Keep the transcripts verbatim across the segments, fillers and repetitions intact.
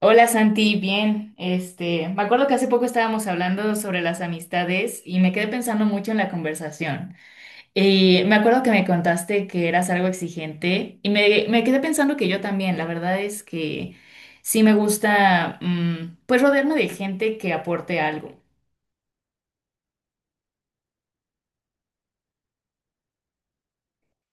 Hola Santi, bien. Este, me acuerdo que hace poco estábamos hablando sobre las amistades y me quedé pensando mucho en la conversación. Y me acuerdo que me contaste que eras algo exigente y me, me quedé pensando que yo también. La verdad es que sí me gusta, mm, pues rodearme de gente que aporte algo.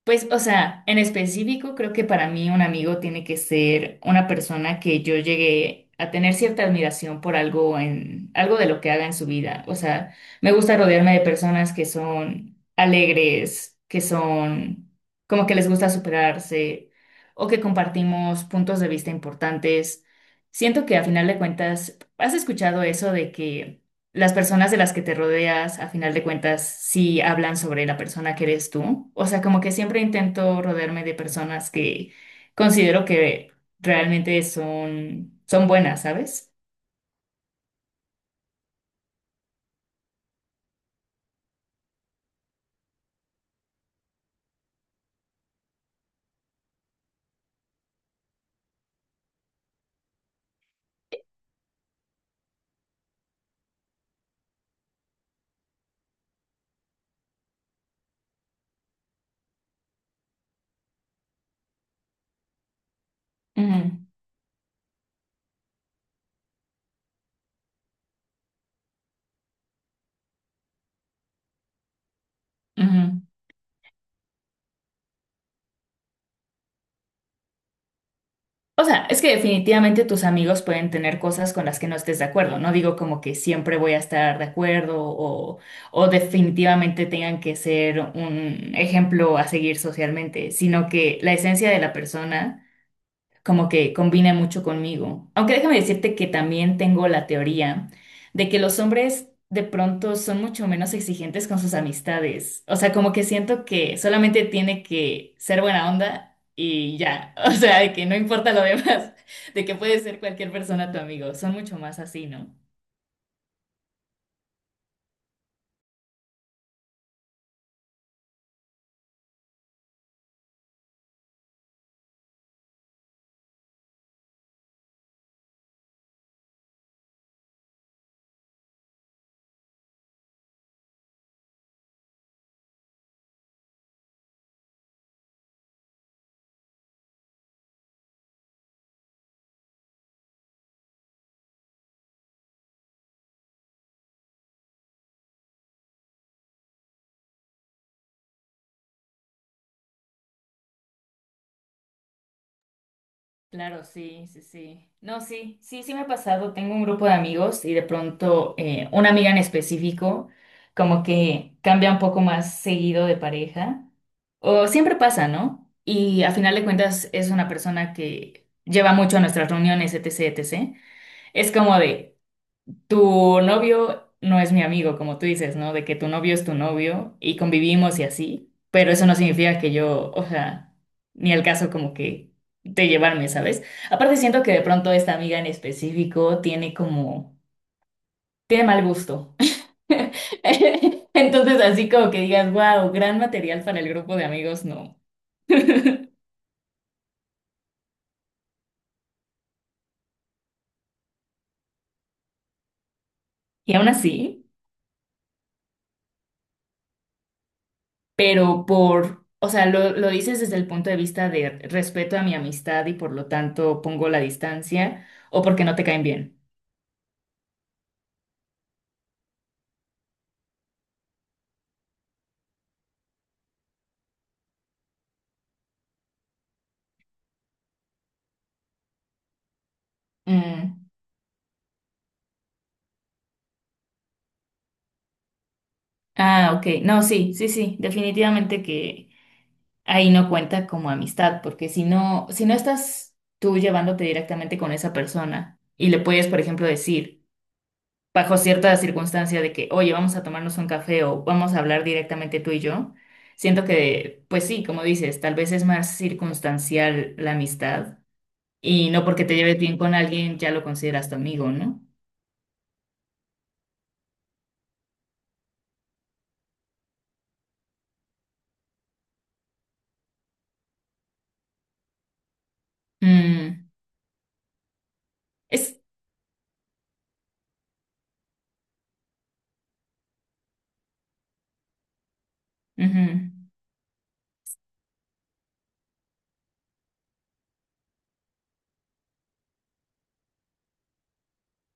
Pues, o sea, en específico, creo que para mí un amigo tiene que ser una persona que yo llegué a tener cierta admiración por algo en algo de lo que haga en su vida. O sea, me gusta rodearme de personas que son alegres, que son como que les gusta superarse o que compartimos puntos de vista importantes. Siento que a final de cuentas, ¿has escuchado eso de que las personas de las que te rodeas, a final de cuentas, sí hablan sobre la persona que eres tú? O sea, como que siempre intento rodearme de personas que considero que realmente son, son buenas, ¿sabes? Ujú, ujú. O sea, es que definitivamente tus amigos pueden tener cosas con las que no estés de acuerdo. No digo como que siempre voy a estar de acuerdo o, o definitivamente tengan que ser un ejemplo a seguir socialmente, sino que la esencia de la persona como que combina mucho conmigo. Aunque déjame decirte que también tengo la teoría de que los hombres de pronto son mucho menos exigentes con sus amistades. O sea, como que siento que solamente tiene que ser buena onda y ya. O sea, de que no importa lo demás, de que puede ser cualquier persona tu amigo. Son mucho más así, ¿no? Claro, sí, sí, sí. No, sí, sí, sí me ha pasado. Tengo un grupo de amigos y de pronto eh, una amiga en específico como que cambia un poco más seguido de pareja. O siempre pasa, ¿no? Y a final de cuentas es una persona que lleva mucho a nuestras reuniones, etcétera, etcétera. Es como de, tu novio no es mi amigo, como tú dices, ¿no? De que tu novio es tu novio y convivimos y así, pero eso no significa que yo, o sea, ni al caso como que de llevarme, ¿sabes? Aparte siento que de pronto esta amiga en específico tiene como, tiene mal gusto. Entonces así como que digas, wow, gran material para el grupo de amigos, no. Y aún así. Pero por, o sea, lo, lo dices desde el punto de vista de respeto a mi amistad y por lo tanto pongo la distancia o porque no te caen bien. Mm, ah, ok. No, sí, sí, sí, definitivamente que ahí no cuenta como amistad, porque si no, si no estás tú llevándote directamente con esa persona y le puedes, por ejemplo, decir, bajo cierta circunstancia de que, oye, vamos a tomarnos un café o vamos a hablar directamente tú y yo. Siento que, pues sí, como dices, tal vez es más circunstancial la amistad. Y no porque te lleves bien con alguien ya lo consideras tu amigo, ¿no? Mm, es, ujú.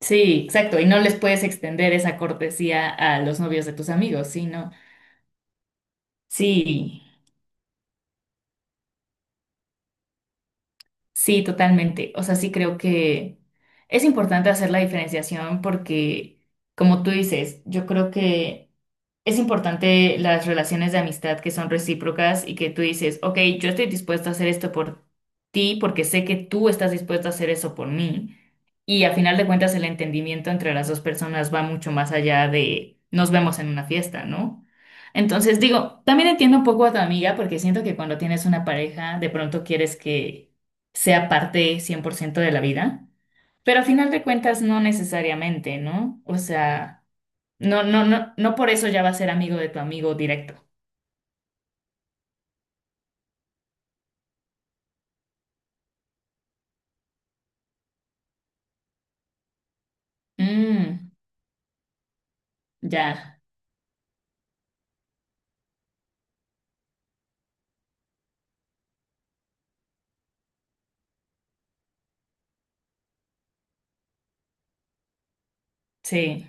Sí, exacto. Y no les puedes extender esa cortesía a los novios de tus amigos, ¿sí? ¿No? Sí, sí, totalmente. O sea, sí creo que es importante hacer la diferenciación porque, como tú dices, yo creo que es importante las relaciones de amistad que son recíprocas y que tú dices, ok, yo estoy dispuesto a hacer esto por ti porque sé que tú estás dispuesto a hacer eso por mí. Y a final de cuentas el entendimiento entre las dos personas va mucho más allá de nos vemos en una fiesta, ¿no? Entonces digo, también entiendo un poco a tu amiga porque siento que cuando tienes una pareja de pronto quieres que sea parte cien por ciento de la vida, pero a final de cuentas no necesariamente, ¿no? O sea. No, no, no, no por eso ya va a ser amigo de tu amigo directo. Mm, ya, sí,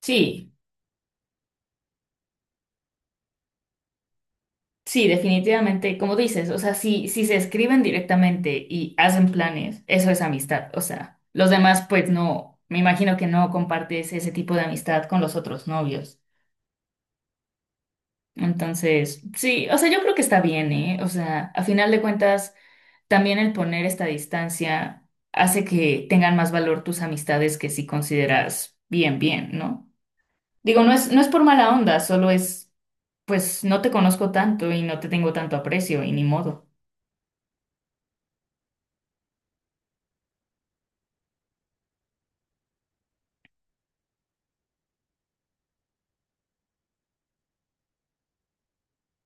sí, sí, definitivamente, como dices, o sea, si, si se escriben directamente y hacen planes, eso es amistad, o sea, los demás pues no, me imagino que no compartes ese tipo de amistad con los otros novios. Entonces, sí, o sea, yo creo que está bien, ¿eh? O sea, a final de cuentas, también el poner esta distancia hace que tengan más valor tus amistades que si consideras bien, bien, ¿no? Digo, no es, no es por mala onda, solo es, pues no te conozco tanto y no te tengo tanto aprecio y ni modo.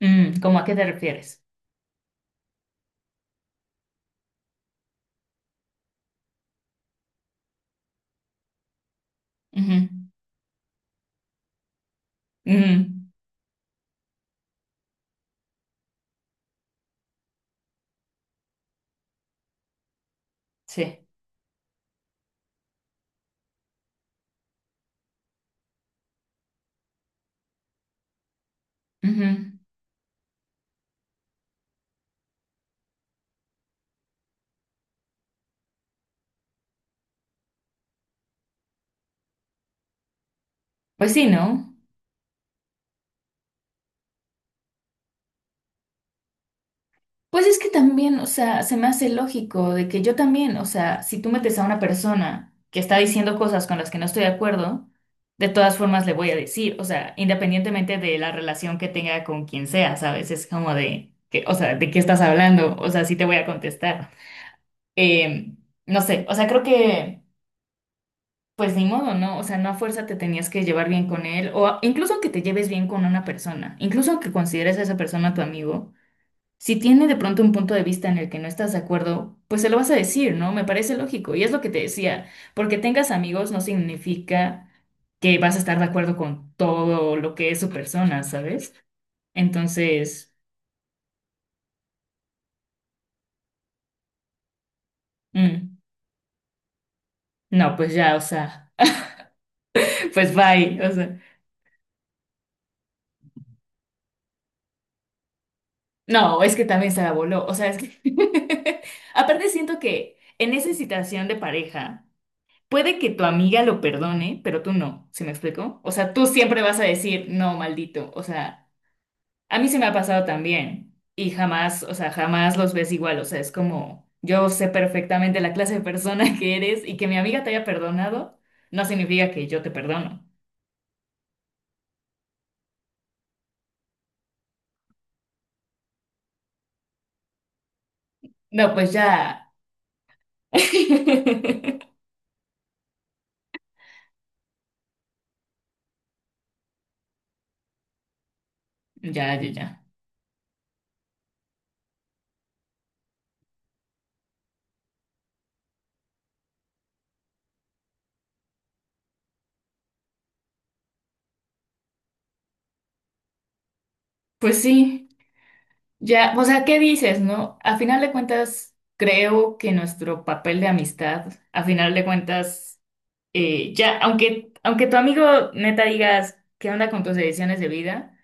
Mm, ¿cómo a qué te refieres? Ujú. Mm, sí. Ujú. Pues sí, ¿no? Pues es que también, o sea, se me hace lógico de que yo también, o sea, si tú metes a una persona que está diciendo cosas con las que no estoy de acuerdo, de todas formas le voy a decir, o sea, independientemente de la relación que tenga con quien sea, ¿sabes? Es como de, que, o sea, ¿de qué estás hablando? O sea, sí te voy a contestar. Eh, no sé, o sea, creo que, pues ni modo, ¿no? O sea, no a fuerza te tenías que llevar bien con él, o a- incluso aunque te lleves bien con una persona, incluso aunque consideres a esa persona tu amigo, si tiene de pronto un punto de vista en el que no estás de acuerdo, pues se lo vas a decir, ¿no? Me parece lógico, y es lo que te decía, porque tengas amigos no significa que vas a estar de acuerdo con todo lo que es su persona, ¿sabes? Entonces, mm, no, pues ya, o sea, pues bye, o sea. No, es que también se la voló. O sea, es que. Aparte, siento que en esa situación de pareja, puede que tu amiga lo perdone, pero tú no. ¿Se me explicó? O sea, tú siempre vas a decir, no, maldito. O sea, a mí se me ha pasado también. Y jamás, o sea, jamás los ves igual. O sea, es como, yo sé perfectamente la clase de persona que eres y que mi amiga te haya perdonado, no significa que yo te perdono. No, pues ya. Ya, ya, ya. Pues sí. Ya, o sea, ¿qué dices, no? A final de cuentas, creo que nuestro papel de amistad, a final de cuentas, eh, ya, aunque, aunque tu amigo neta digas qué onda con tus decisiones de vida,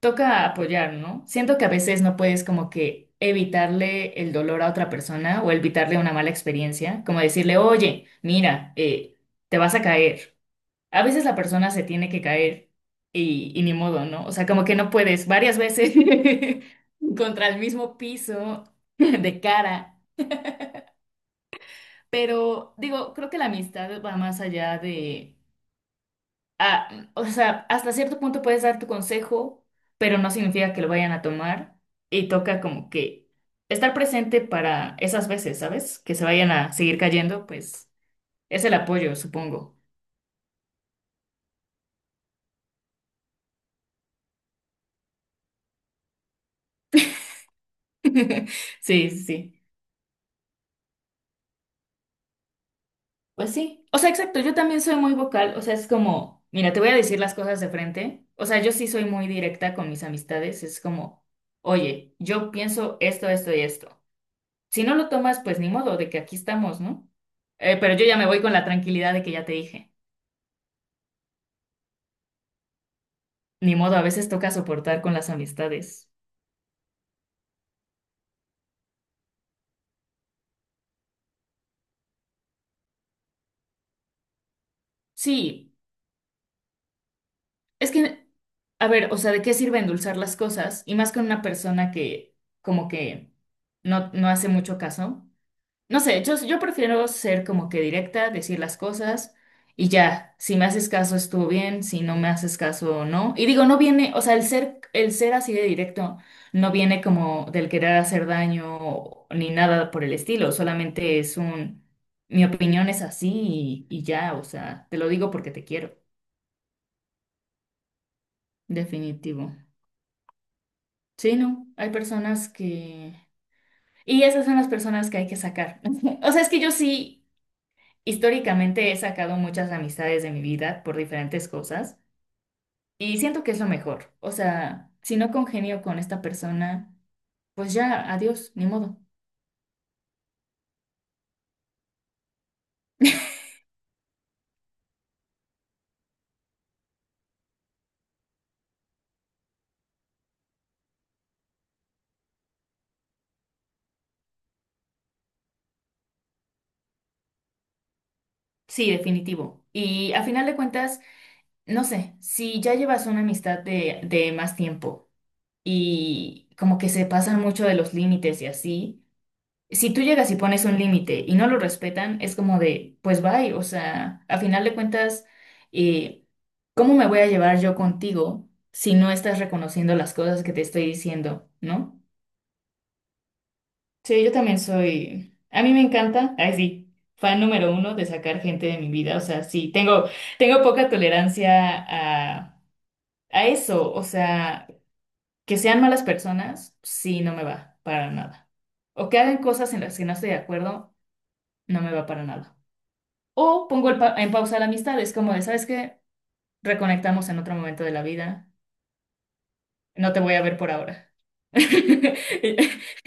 toca apoyar, ¿no? Siento que a veces no puedes como que evitarle el dolor a otra persona o evitarle una mala experiencia, como decirle, oye, mira, eh, te vas a caer, a veces la persona se tiene que caer y, y ni modo, ¿no? O sea, como que no puedes varias veces contra el mismo piso de cara. Pero digo, creo que la amistad va más allá de, ah, o sea, hasta cierto punto puedes dar tu consejo, pero no significa que lo vayan a tomar y toca como que estar presente para esas veces, ¿sabes? Que se vayan a seguir cayendo, pues es el apoyo, supongo. Sí, sí. Sí. Pues sí, o sea, exacto, yo también soy muy vocal, o sea, es como, mira, te voy a decir las cosas de frente, o sea, yo sí soy muy directa con mis amistades, es como, oye, yo pienso esto, esto y esto. Si no lo tomas, pues ni modo, de que aquí estamos, ¿no? Eh, pero yo ya me voy con la tranquilidad de que ya te dije. Ni modo, a veces toca soportar con las amistades. Sí, es que, a ver, o sea, ¿de qué sirve endulzar las cosas? Y más con una persona que como que no, no hace mucho caso. No sé, yo, yo prefiero ser como que directa, decir las cosas y ya, si me haces caso estuvo bien, si no me haces caso no. Y digo, no viene, o sea, el ser, el ser así de directo no viene como del querer hacer daño ni nada por el estilo, solamente es un, mi opinión es así y, y ya, o sea, te lo digo porque te quiero, definitivo. Sí, no, hay personas que. Y esas son las personas que hay que sacar. O sea, es que yo sí. Históricamente he sacado muchas amistades de mi vida por diferentes cosas y siento que es lo mejor. O sea, si no congenio con esta persona, pues ya, adiós, ni modo. Sí, definitivo. Y a final de cuentas, no sé, si ya llevas una amistad de, de más tiempo y como que se pasan mucho de los límites y así. Si tú llegas y pones un límite y no lo respetan, es como de, pues bye, o sea, a final de cuentas, eh, ¿cómo me voy a llevar yo contigo si no estás reconociendo las cosas que te estoy diciendo? ¿No? Sí, yo también soy, a mí me encanta, ay sí, fan número uno de sacar gente de mi vida, o sea, sí, tengo, tengo poca tolerancia a, a eso, o sea, que sean malas personas, sí, no me va para nada. O que hagan cosas en las que no estoy de acuerdo, no me va para nada. O pongo el pa- en pausa la amistad, es como de, ¿sabes qué? Reconectamos en otro momento de la vida. No te voy a ver por ahora.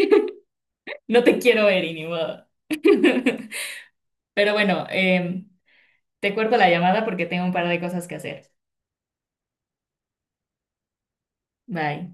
No te quiero ver, y ni modo. Pero bueno, em, te cuelgo la llamada porque tengo un par de cosas que hacer. Bye.